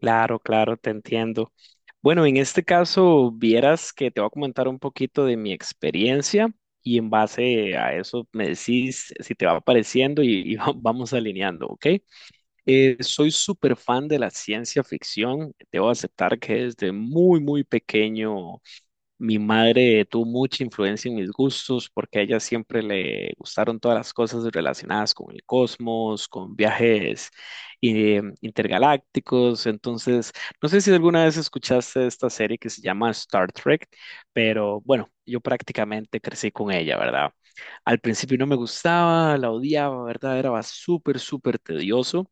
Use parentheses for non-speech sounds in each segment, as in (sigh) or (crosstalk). Claro, claro, te entiendo. Bueno, en este caso, vieras que te voy a comentar un poquito de mi experiencia y en base a eso me decís si te va pareciendo y (laughs) vamos alineando, ¿ok? Soy súper fan de la ciencia ficción. Debo aceptar que desde muy, muy pequeño mi madre tuvo mucha influencia en mis gustos porque a ella siempre le gustaron todas las cosas relacionadas con el cosmos, con viajes intergalácticos. Entonces, no sé si alguna vez escuchaste esta serie que se llama Star Trek, pero bueno, yo prácticamente crecí con ella, ¿verdad? Al principio no me gustaba, la odiaba, ¿verdad? Era súper, súper tedioso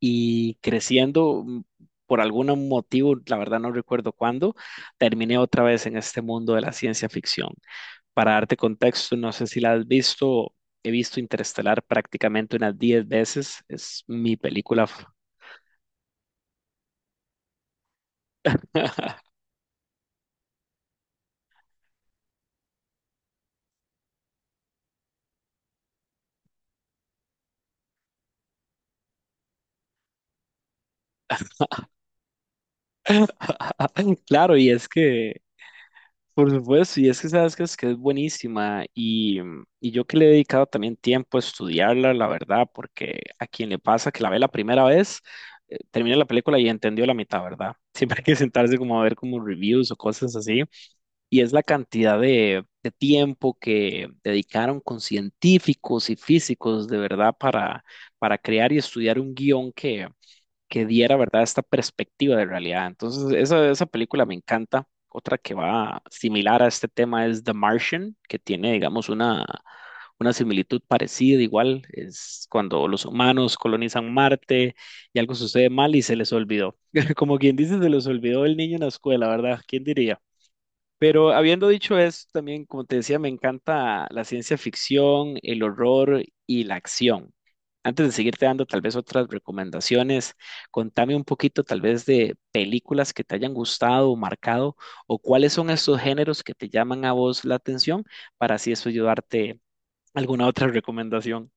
y creciendo, por algún motivo, la verdad no recuerdo cuándo, terminé otra vez en este mundo de la ciencia ficción. Para darte contexto, no sé si la has visto, he visto Interestelar prácticamente unas 10 veces, es mi película. (laughs) Claro, y es que Por supuesto, y es que sabes que es buenísima y y yo que le he dedicado también tiempo a estudiarla, la verdad, porque a quien le pasa que la ve la primera vez, termina la película y entendió la mitad, ¿verdad? (laughs) Siempre hay que sentarse como a ver como reviews o cosas así, y es la cantidad de tiempo que dedicaron con científicos y físicos de verdad para crear y estudiar un guión que diera, ¿verdad?, esta perspectiva de realidad. Entonces, esa película me encanta. Otra que va similar a este tema es The Martian, que tiene, digamos, una similitud parecida, igual, es cuando los humanos colonizan Marte y algo sucede mal y se les olvidó. (laughs) Como quien dice, se les olvidó el niño en la escuela, ¿verdad? ¿Quién diría? Pero habiendo dicho eso, también, como te decía, me encanta la ciencia ficción, el horror y la acción. Antes de seguirte dando tal vez otras recomendaciones, contame un poquito tal vez de películas que te hayan gustado o marcado, o cuáles son esos géneros que te llaman a vos la atención, para así eso ayudarte a alguna otra recomendación.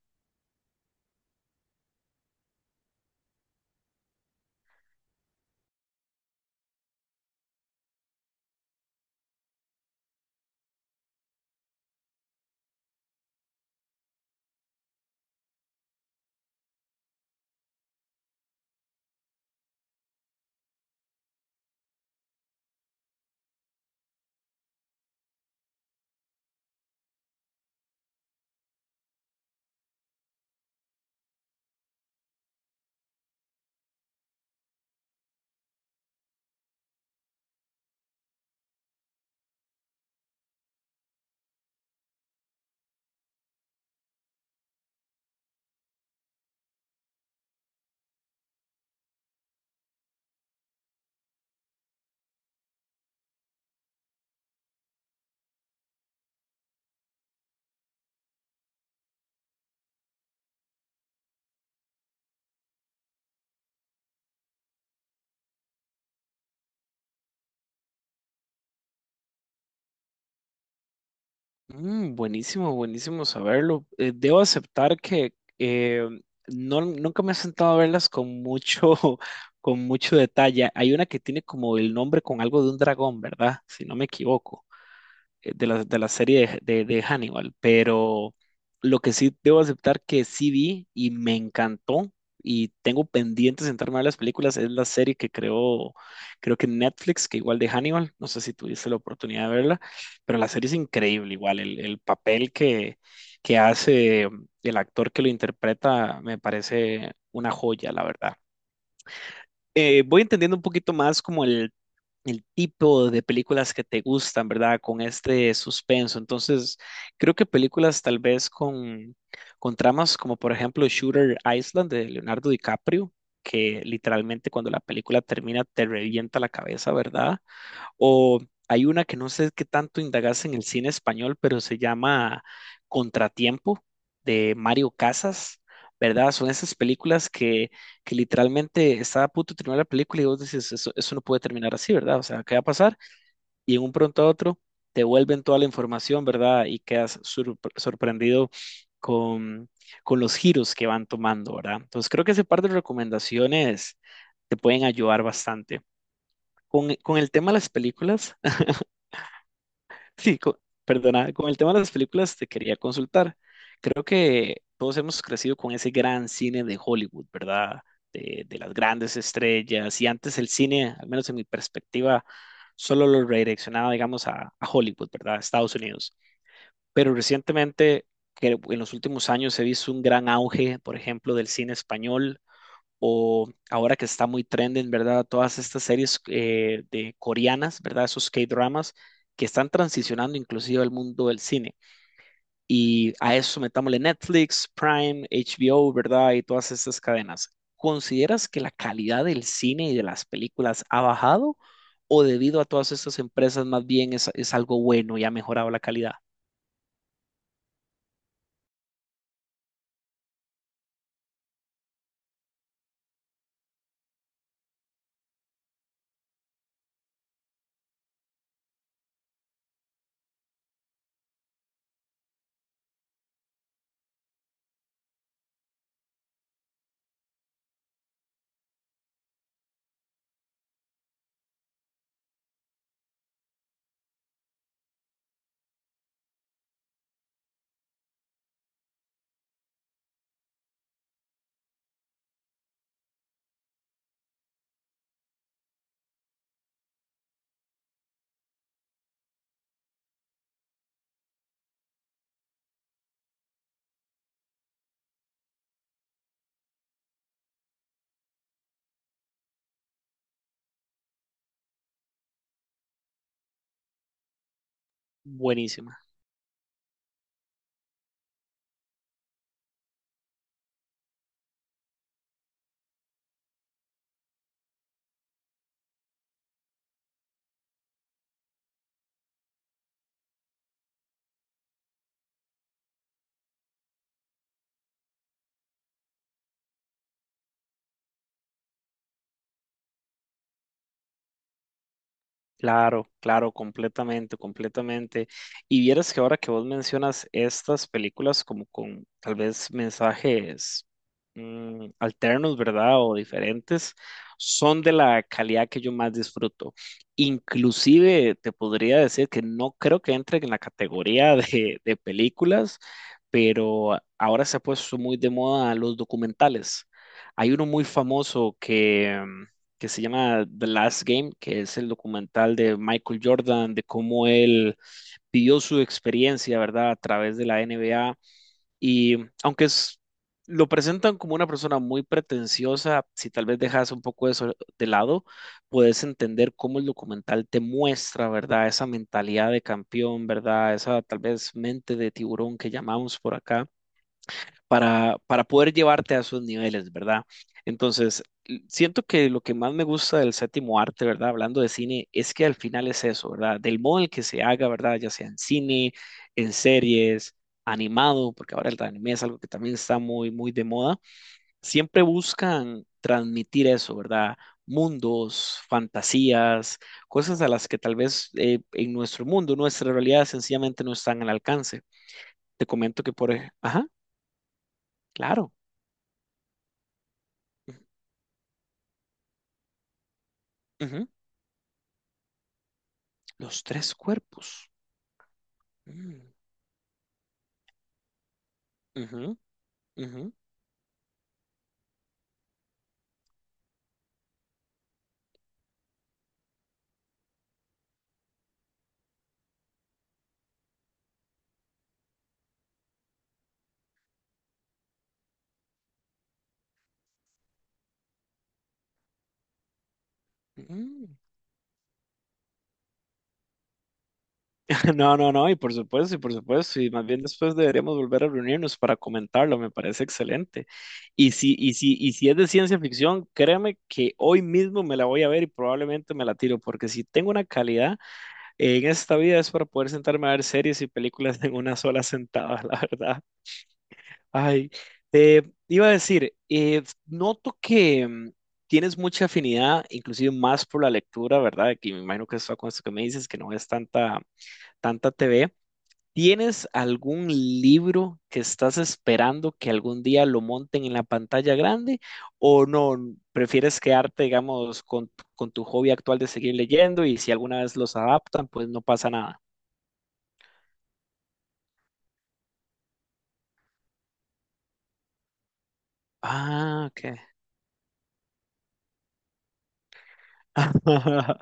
Mm, buenísimo, buenísimo saberlo. Debo aceptar que no, nunca me he sentado a verlas con mucho, (laughs) con mucho detalle. Hay una que tiene como el nombre con algo de un dragón, ¿verdad? Si no me equivoco de la serie de Hannibal, pero lo que sí debo aceptar que sí vi y me encantó y tengo pendiente sentarme a ver las películas es la serie que creó, creo que Netflix, que igual de Hannibal, no sé si tuviste la oportunidad de verla, pero la serie es increíble, igual el papel que hace el actor que lo interpreta me parece una joya, la verdad. Voy entendiendo un poquito más como el tipo de películas que te gustan, ¿verdad? Con este suspenso. Entonces, creo que películas tal vez con tramas como por ejemplo Shooter Island de Leonardo DiCaprio, que literalmente cuando la película termina te revienta la cabeza, ¿verdad? O hay una que no sé qué tanto indagas en el cine español, pero se llama Contratiempo de Mario Casas, ¿verdad? Son esas películas que literalmente está a punto de terminar la película y vos dices, eso no puede terminar así, ¿verdad? O sea, ¿qué va a pasar? Y en un pronto a otro te vuelven toda la información, ¿verdad? Y quedas sorprendido con, con los giros que van tomando, ¿verdad? Entonces creo que ese par de recomendaciones te pueden ayudar bastante. Con el tema de las películas, Sí, co- perdona, con el tema de las películas te quería consultar. Creo que todos hemos crecido con ese gran cine de Hollywood, ¿verdad? De las grandes estrellas. Y antes el cine, al menos en mi perspectiva, solo lo redireccionaba, digamos, a Hollywood, ¿verdad? A Estados Unidos. Pero recientemente, que en los últimos años he visto un gran auge, por ejemplo, del cine español o ahora que está muy trending, ¿verdad? Todas estas series de coreanas, ¿verdad? Esos K-dramas que están transicionando inclusive al mundo del cine. Y a eso metámosle Netflix, Prime, HBO, ¿verdad? Y todas estas cadenas. ¿Consideras que la calidad del cine y de las películas ha bajado o debido a todas estas empresas más bien es algo bueno y ha mejorado la calidad? Buenísima. Claro, claro, completamente, completamente. Y vieras que ahora que vos mencionas estas películas como con tal vez mensajes alternos, ¿verdad? O diferentes, son de la calidad que yo más disfruto. Inclusive te podría decir que no creo que entre en la categoría (laughs) de películas, pero ahora se ha puesto muy de moda los documentales. Hay uno muy famoso que se llama The Last Game, que es el documental de Michael Jordan, de cómo él vivió su experiencia, ¿verdad?, a través de la NBA. Y aunque es, lo presentan como una persona muy pretenciosa, si tal vez dejas un poco eso de lado, puedes entender cómo el documental te muestra, ¿verdad?, esa mentalidad de campeón, ¿verdad?, esa tal vez mente de tiburón que llamamos por acá para poder llevarte a esos niveles, ¿verdad? Entonces, siento que lo que más me gusta del séptimo arte, ¿verdad? Hablando de cine, es que al final es eso, ¿verdad? Del modo en el que se haga, ¿verdad? Ya sea en cine, en series, animado, porque ahora el anime es algo que también está muy, muy de moda, siempre buscan transmitir eso, ¿verdad? Mundos, fantasías, cosas a las que tal vez en nuestro mundo, nuestra realidad sencillamente no están al alcance. Te comento que por... ej- Ajá, claro. Ujú. Los tres cuerpos. Mm, ujú, ujú, mm. (laughs) No, no, no, y por supuesto, y por supuesto, y más bien después deberíamos volver a reunirnos para comentarlo, me parece excelente. Y si es de ciencia ficción, créeme que hoy mismo me la voy a ver y probablemente me la tiro, porque si tengo una calidad en esta vida es para poder sentarme a ver series y películas en una sola sentada, (laughs) la verdad. Ay, eh, iba a decir, noto que tienes mucha afinidad, inclusive más por la lectura, ¿verdad? Que me imagino que eso con esto que me dices, que no ves tanta TV. ¿Tienes algún libro que estás esperando que algún día lo monten en la pantalla grande? ¿O no? ¿Prefieres quedarte, digamos, con tu hobby actual de seguir leyendo y si alguna vez los adaptan, pues no pasa nada? Ah, ok. (laughs)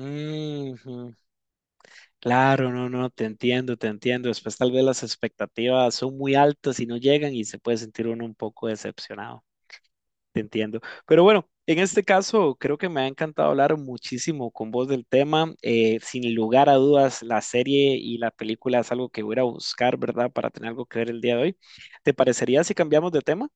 Ujú. Claro, no, no, te entiendo, te entiendo. Después tal vez las expectativas son muy altas y no llegan y se puede sentir uno un poco decepcionado. Te entiendo. Pero bueno, en este caso creo que me ha encantado hablar muchísimo con vos del tema. Sin lugar a dudas, la serie y la película es algo que voy a ir a buscar, ¿verdad? Para tener algo que ver el día de hoy. ¿Te parecería si cambiamos de tema?